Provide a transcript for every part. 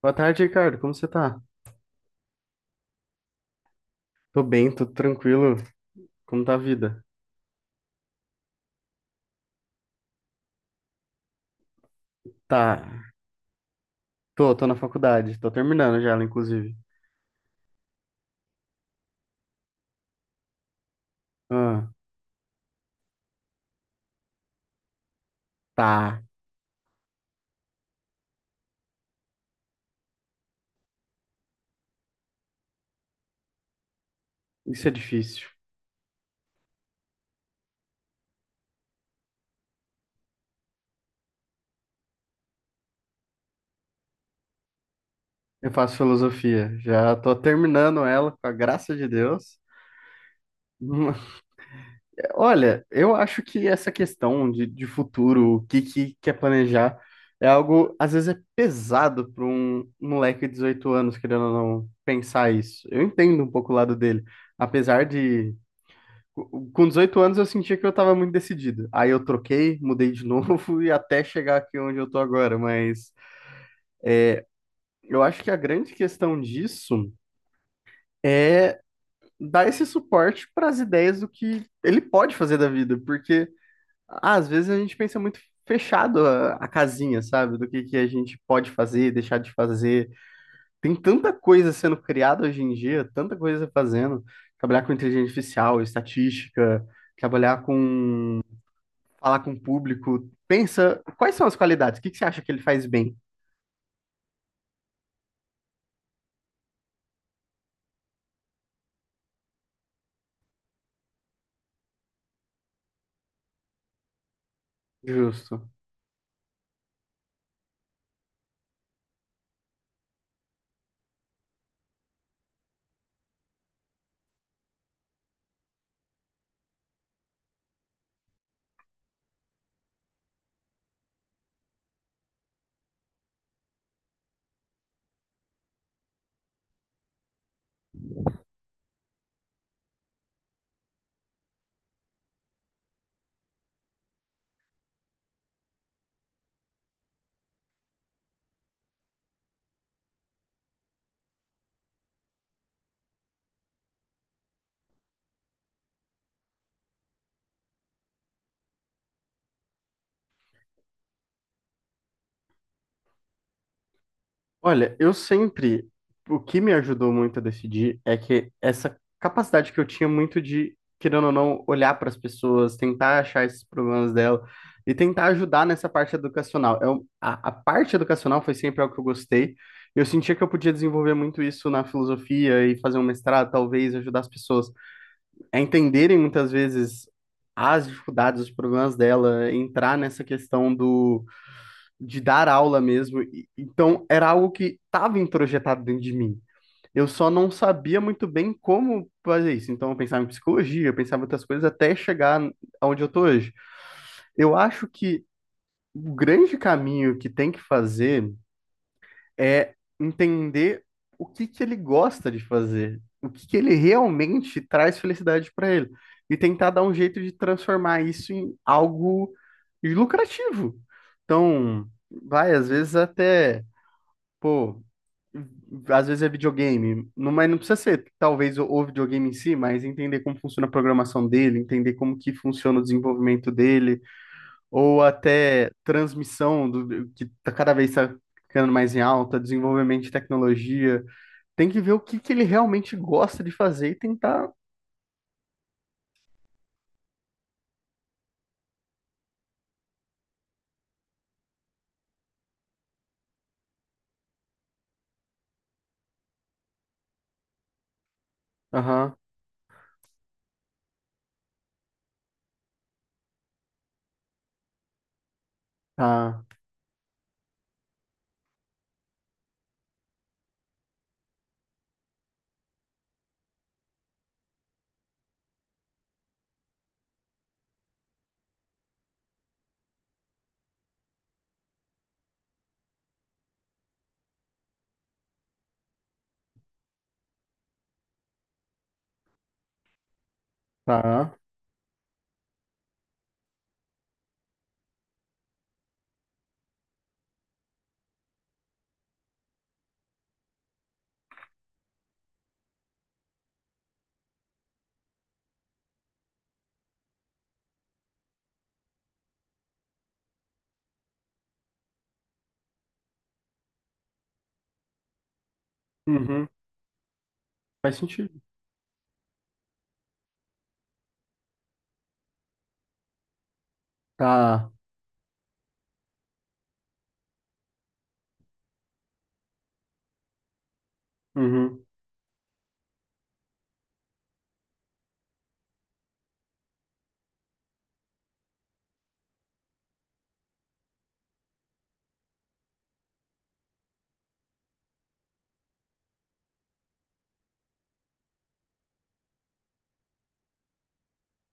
Boa tarde, Ricardo. Como você tá? Tô bem, tô tranquilo. Como tá a vida? Tá. Tô na faculdade. Tô terminando já ela, inclusive. Ah, tá. Isso é difícil. Eu faço filosofia. Já tô terminando ela, com a graça de Deus. Hum, Olha, eu acho que essa questão de futuro, o que que quer planejar, é algo, às vezes, é pesado para um moleque de 18 anos, querendo ou não, pensar isso. Eu entendo um pouco o lado dele. Apesar de com 18 anos eu sentia que eu estava muito decidido. Aí eu troquei, mudei de novo e até chegar aqui onde eu tô agora. Mas eu acho que a grande questão disso é dar esse suporte para as ideias do que ele pode fazer da vida, porque ah, às vezes a gente pensa muito fechado a casinha, sabe? Do que a gente pode fazer, deixar de fazer. Tem tanta coisa sendo criada hoje em dia, tanta coisa fazendo. Trabalhar com inteligência artificial, estatística, trabalhar com falar com o público. Pensa, quais são as qualidades? O que que você acha que ele faz bem? Justo. Olha, eu sempre, o que me ajudou muito a decidir é que essa capacidade que eu tinha muito de, querendo ou não, olhar para as pessoas, tentar achar esses problemas dela e tentar ajudar nessa parte educacional. Eu, a parte educacional foi sempre algo que eu gostei. Eu sentia que eu podia desenvolver muito isso na filosofia e fazer um mestrado, talvez, ajudar as pessoas. É entenderem muitas vezes as dificuldades, os problemas dela, entrar nessa questão do de dar aula mesmo. Então, era algo que estava introjetado dentro de mim. Eu só não sabia muito bem como fazer isso. Então, eu pensava em psicologia, eu pensava em outras coisas até chegar onde eu estou hoje. Eu acho que o grande caminho que tem que fazer é entender o que que ele gosta de fazer, o que que ele realmente traz felicidade para ele, e tentar dar um jeito de transformar isso em algo lucrativo. Então, vai, às vezes até, pô, às vezes é videogame, não, mas não precisa ser talvez o videogame em si, mas entender como funciona a programação dele, entender como que funciona o desenvolvimento dele, ou até transmissão do, que tá cada vez tá ficando mais em alta, desenvolvimento de tecnologia. Tem que ver o que que ele realmente gosta de fazer e tentar. Aham, tá, tá. Uhum, faz sentido. Tá, uhum,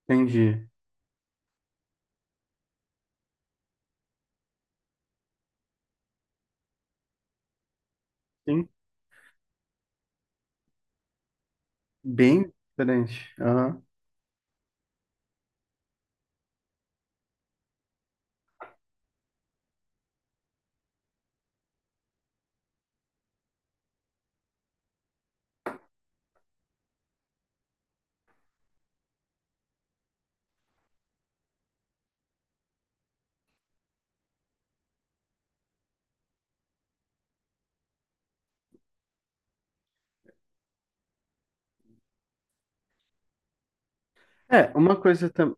entendi. Sim, bem diferente. Aham. É, uma coisa tam-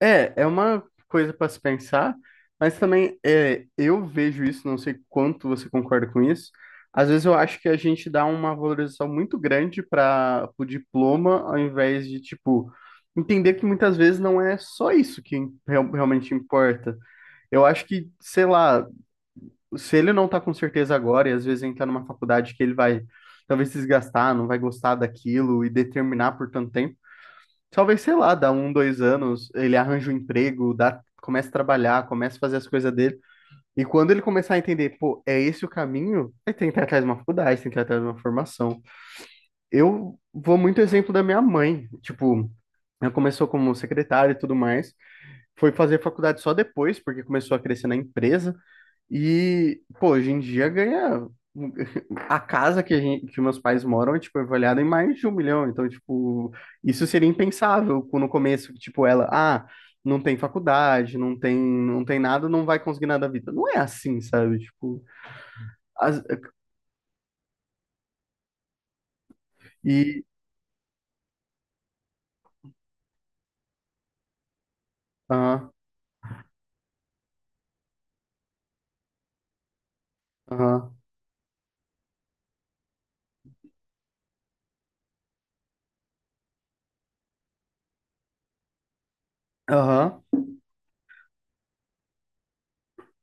É, é uma coisa para se pensar, mas também é, eu vejo isso, não sei quanto você concorda com isso. Às vezes eu acho que a gente dá uma valorização muito grande para o diploma, ao invés de, tipo, entender que muitas vezes não é só isso que realmente importa. Eu acho que, sei lá, se ele não tá com certeza agora, e às vezes entrar numa faculdade que ele vai talvez se desgastar, não vai gostar daquilo e determinar por tanto tempo. Talvez, sei lá, dá um, dois anos, ele arranja um emprego, dá, começa a trabalhar, começa a fazer as coisas dele. E quando ele começar a entender, pô, é esse o caminho, aí tem que ir atrás de uma faculdade, tem que ir atrás de uma formação. Eu vou muito exemplo da minha mãe. Tipo, ela começou como secretária e tudo mais, foi fazer faculdade só depois, porque começou a crescer na empresa. E, pô, hoje em dia ganha. A casa que, a gente, que meus pais moram é, tipo, avaliada em mais de um milhão. Então, tipo, isso seria impensável no começo, tipo, ela, ah, não tem faculdade, não tem, não tem nada, não vai conseguir nada da vida. Não é assim, sabe? Tipo, as- e. Aham, aham, aham.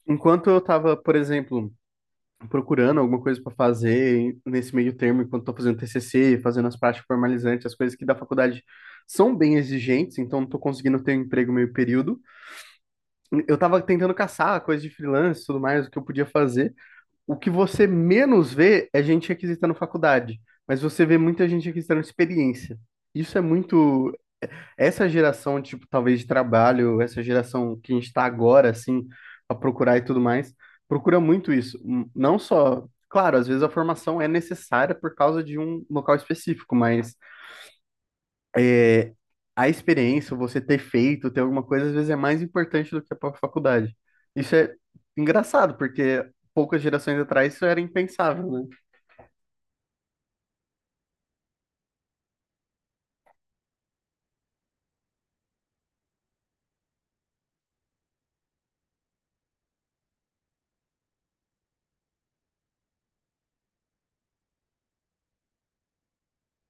Enquanto eu tava, por exemplo, procurando alguma coisa para fazer nesse meio termo, enquanto estou fazendo TCC, fazendo as práticas formalizantes, as coisas que da faculdade são bem exigentes, então não estou conseguindo ter um emprego meio período. Eu estava tentando caçar coisa de freelance e tudo mais, o que eu podia fazer. O que você menos vê é gente requisitando faculdade, mas você vê muita gente requisitando experiência. Isso é muito, essa geração, tipo, talvez de trabalho, essa geração que a gente está agora, assim, a procurar e tudo mais, procura muito isso. Não só, claro, às vezes a formação é necessária por causa de um local específico, mas é, a experiência, você ter feito, ter alguma coisa, às vezes é mais importante do que a própria faculdade. Isso é engraçado, porque poucas gerações atrás isso era impensável, né?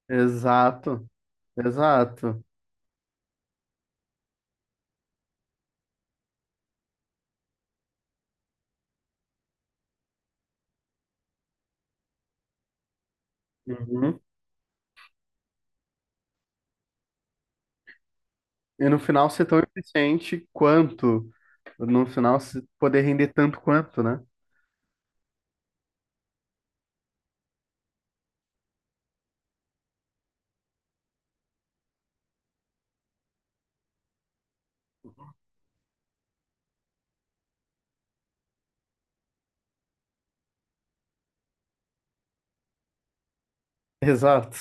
Exato, exato. Uhum. E no final ser tão eficiente quanto no final se poder render tanto quanto, né? Exato.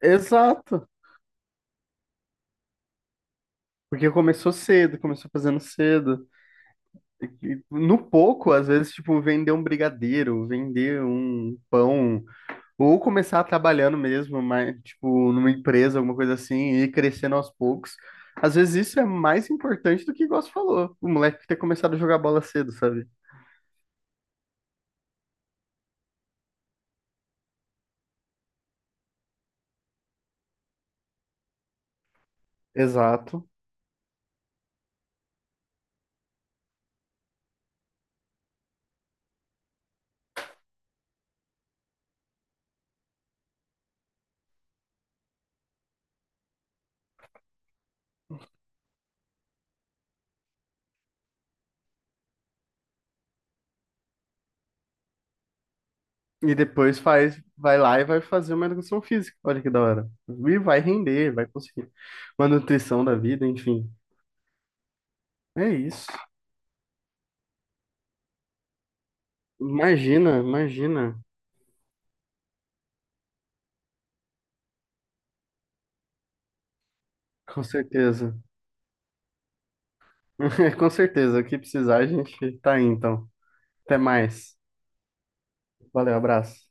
Exato. Porque começou cedo, começou fazendo cedo. E, e no pouco, às vezes, tipo, vender um brigadeiro, vender um pão, ou começar trabalhando mesmo, mas, tipo, numa empresa, alguma coisa assim, e ir crescendo aos poucos. Às vezes isso é mais importante do que o Gosto falou. O moleque ter começado a jogar bola cedo, sabe? Exato. E depois faz, vai lá e vai fazer uma educação física. Olha que da hora. E vai render, vai conseguir. Uma nutrição da vida, enfim. É isso. Imagina, imagina. Com certeza. Com certeza. O que precisar, a gente tá aí, então. Até mais. Valeu, abraço.